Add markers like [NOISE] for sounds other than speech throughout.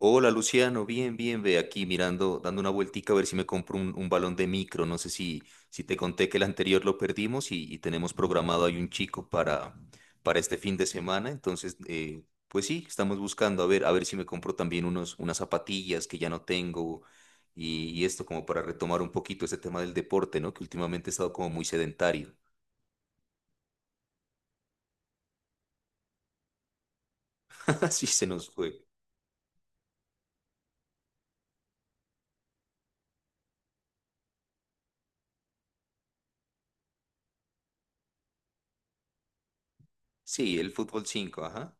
Hola Luciano, bien, bien, ve aquí mirando, dando una vueltica a ver si me compro un balón de micro. No sé si, si te conté que el anterior lo perdimos y tenemos programado ahí un chico para este fin de semana. Entonces, pues sí, estamos buscando a ver si me compro también unos, unas zapatillas que ya no tengo y esto como para retomar un poquito ese tema del deporte, ¿no? Que últimamente he estado como muy sedentario. [LAUGHS] Así se nos fue. Sí, el fútbol 5, ajá.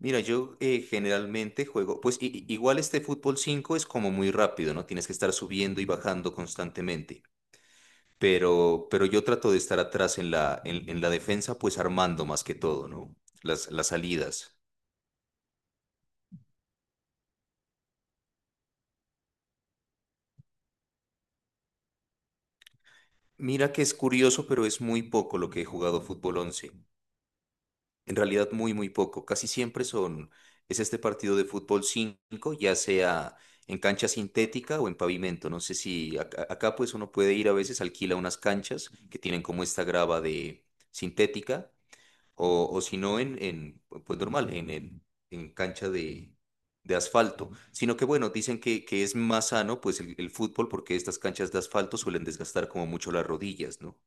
Mira, yo generalmente juego, pues igual este fútbol 5 es como muy rápido, ¿no? Tienes que estar subiendo y bajando constantemente, pero yo trato de estar atrás en la defensa, pues armando más que todo, ¿no? Las salidas. Mira que es curioso, pero es muy poco lo que he jugado fútbol 11. En realidad muy poco. Casi siempre son, es este partido de fútbol 5, ya sea en cancha sintética o en pavimento. No sé si acá, pues uno puede ir a veces, alquila unas canchas que tienen como esta grava de sintética o si no en, pues normal, en cancha de asfalto. Sino que bueno, dicen que es más sano pues el fútbol porque estas canchas de asfalto suelen desgastar como mucho las rodillas, ¿no?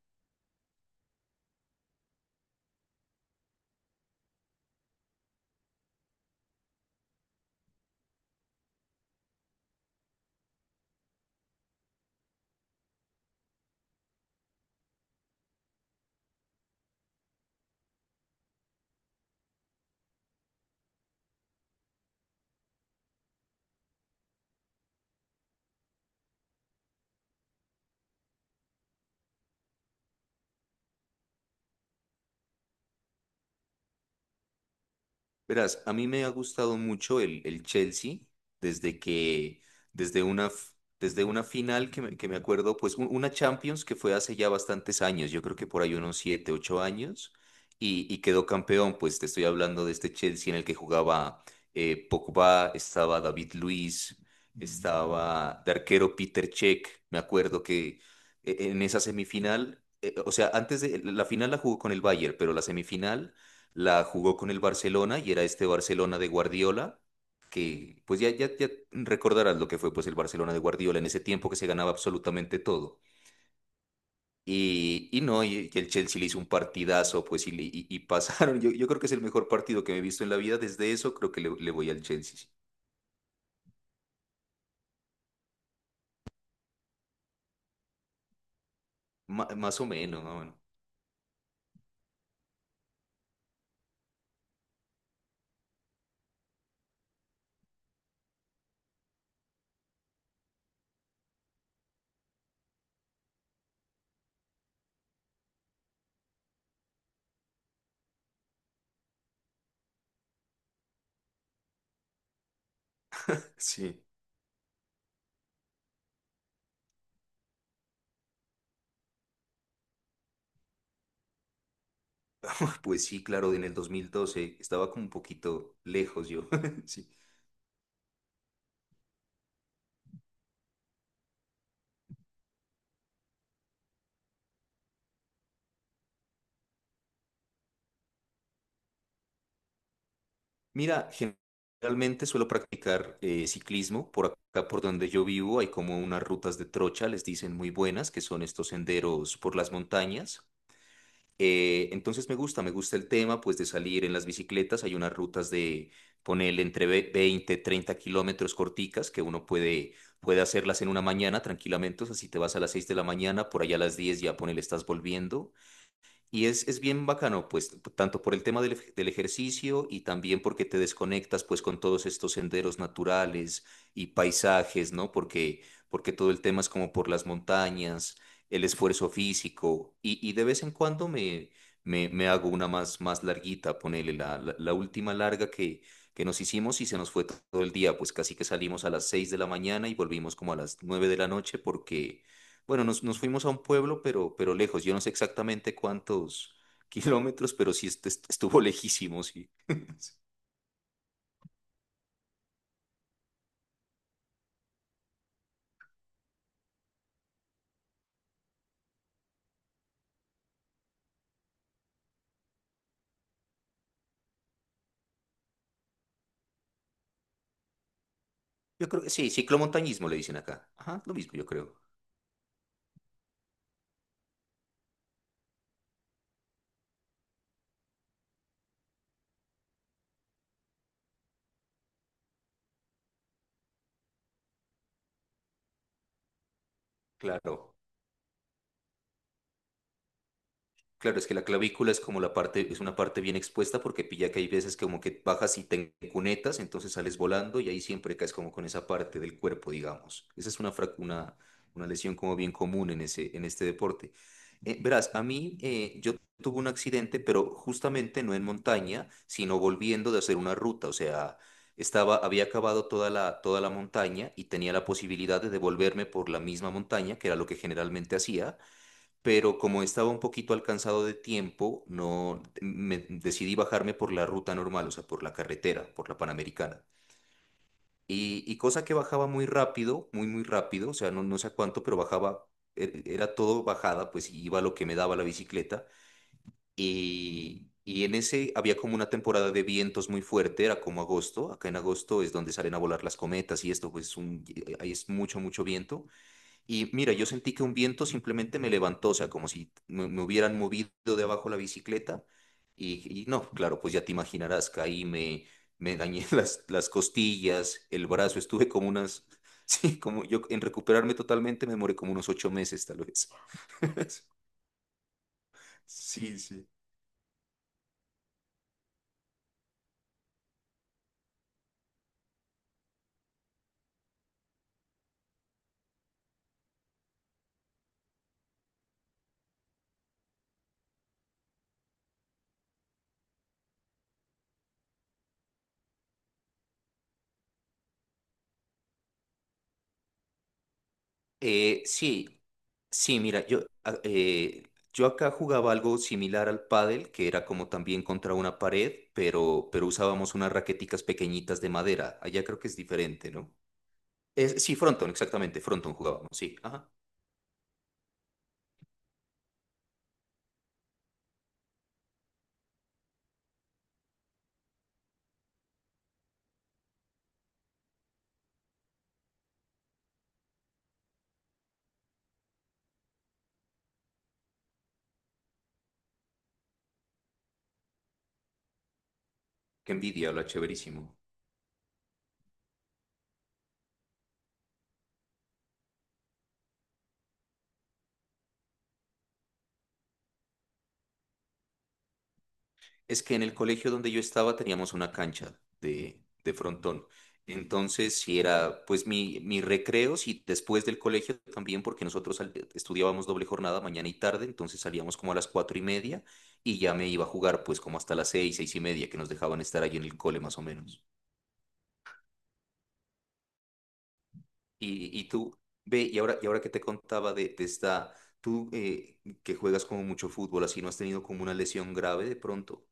Verás, a mí me ha gustado mucho el Chelsea desde que, desde una, f- desde una final que me acuerdo, pues una Champions que fue hace ya bastantes años, yo creo que por ahí unos siete, ocho años, y quedó campeón, pues te estoy hablando de este Chelsea en el que jugaba Pogba, estaba David Luiz, estaba de arquero Peter Cech, me acuerdo que en esa semifinal, o sea, antes de, la final la jugó con el Bayern, pero la semifinal la jugó con el Barcelona y era este Barcelona de Guardiola, que pues ya recordarás lo que fue pues el Barcelona de Guardiola en ese tiempo que se ganaba absolutamente todo. Y no, y el Chelsea le hizo un partidazo, pues y pasaron. Yo creo que es el mejor partido que me he visto en la vida. Desde eso creo que le voy al Chelsea. Sí. Ma- más o menos, más o menos. Sí. Pues sí, claro, en el 2012 estaba como un poquito lejos yo. [LAUGHS] Sí. Mira, generalmente suelo practicar ciclismo. Por acá, por donde yo vivo, hay como unas rutas de trocha, les dicen muy buenas, que son estos senderos por las montañas. Entonces me gusta el tema, pues de salir en las bicicletas. Hay unas rutas de ponerle entre 20, 30 kilómetros corticas que uno puede, puede hacerlas en una mañana tranquilamente. O sea, si te vas a las 6 de la mañana, por allá a las 10 ya ponele, estás volviendo. Y es bien bacano, pues, tanto por el tema del ejercicio y también porque te desconectas, pues, con todos estos senderos naturales y paisajes, ¿no? Porque todo el tema es como por las montañas, el esfuerzo físico y de vez en cuando me hago una más, más larguita, ponele la última larga que nos hicimos y se nos fue todo el día, pues casi que salimos a las 6 de la mañana y volvimos como a las 9 de la noche porque bueno, nos fuimos a un pueblo, pero lejos. Yo no sé exactamente cuántos [LAUGHS] kilómetros, pero sí estuvo lejísimo, sí. [LAUGHS] Yo creo que sí, ciclomontañismo le dicen acá. Ajá, lo mismo, yo creo. Claro. Claro, es que la clavícula es como la parte, es una parte bien expuesta porque pilla que hay veces como que bajas y te cunetas, entonces sales volando y ahí siempre caes como con esa parte del cuerpo, digamos. Esa es una lesión como bien común en ese, en este deporte. Verás, a mí yo tuve un accidente, pero justamente no en montaña, sino volviendo de hacer una ruta. O sea, estaba, había acabado toda toda la montaña y tenía la posibilidad de devolverme por la misma montaña, que era lo que generalmente hacía, pero como estaba un poquito alcanzado de tiempo, no me decidí bajarme por la ruta normal, o sea, por la carretera, por la Panamericana. Y cosa que bajaba muy rápido, muy rápido, o sea, no sé a cuánto, pero bajaba, era todo bajada, pues iba lo que me daba la bicicleta. Y en ese había como una temporada de vientos muy fuerte, era como agosto, acá en agosto es donde salen a volar las cometas y esto, pues ahí es mucho, mucho viento. Y mira, yo sentí que un viento simplemente me levantó, o sea, como si me hubieran movido de abajo la bicicleta. Y no, claro, pues ya te imaginarás, me dañé [LAUGHS] las costillas, el brazo, estuve como unas, [LAUGHS] sí, como yo en recuperarme totalmente me demoré como unos ocho meses tal vez. [LAUGHS] Sí, sí. Sí, sí, mira, yo acá jugaba algo similar al pádel, que era como también contra una pared, pero usábamos unas raqueticas pequeñitas de madera. Allá creo que es diferente, ¿no? Es, sí, frontón, exactamente, frontón jugábamos, sí. Ajá. Qué envidia, lo chéverísimo. Es que en el colegio donde yo estaba teníamos una cancha de frontón. Entonces, si era pues mi recreo, si después del colegio también, porque nosotros estudiábamos doble jornada mañana y tarde, entonces salíamos como a las cuatro y media y ya me iba a jugar pues como hasta las seis, seis y media, que nos dejaban estar allí en el cole más o menos. Y tú, ve, y ahora que te contaba de esta, tú que juegas como mucho fútbol, así no has tenido como una lesión grave de pronto.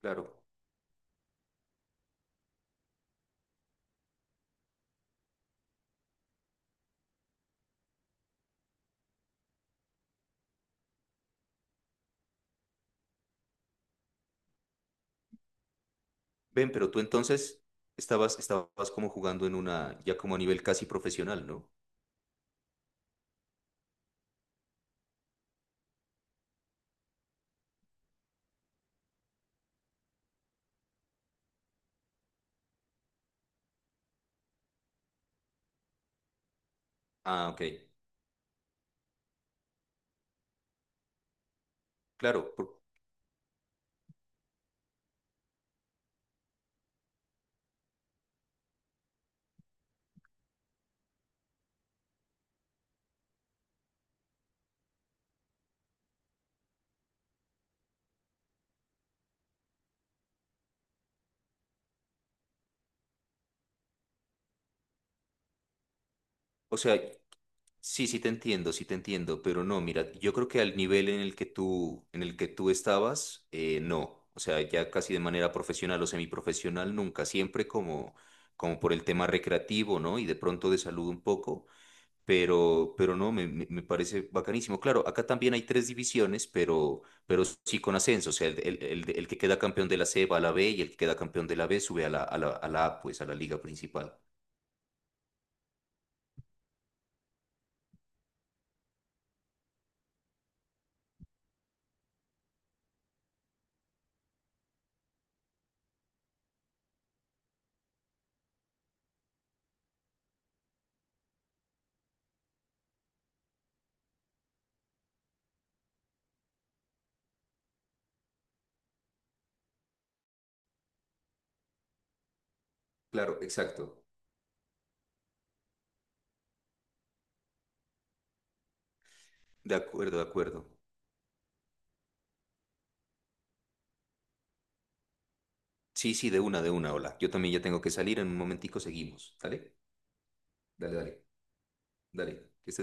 Claro. Ven, pero tú entonces estabas como jugando en una, ya como a nivel casi profesional, ¿no? Ah, ok. Claro, por- o sea, sí, sí te entiendo, pero no, mira, yo creo que al nivel en el que tú, en el que tú estabas, no. O sea, ya casi de manera profesional o semiprofesional, nunca, siempre como, como por el tema recreativo, ¿no? Y de pronto de salud un poco. Pero no, me parece bacanísimo. Claro, acá también hay tres divisiones, pero sí con ascenso, o sea, el que queda campeón de la C va a la B y el que queda campeón de la B sube a la, a la, a la A, pues a la liga principal. Claro, exacto. De acuerdo, de acuerdo. Sí, sí, hola. Yo también ya tengo que salir, en un momentico seguimos. Dale, dale, dale. Que estés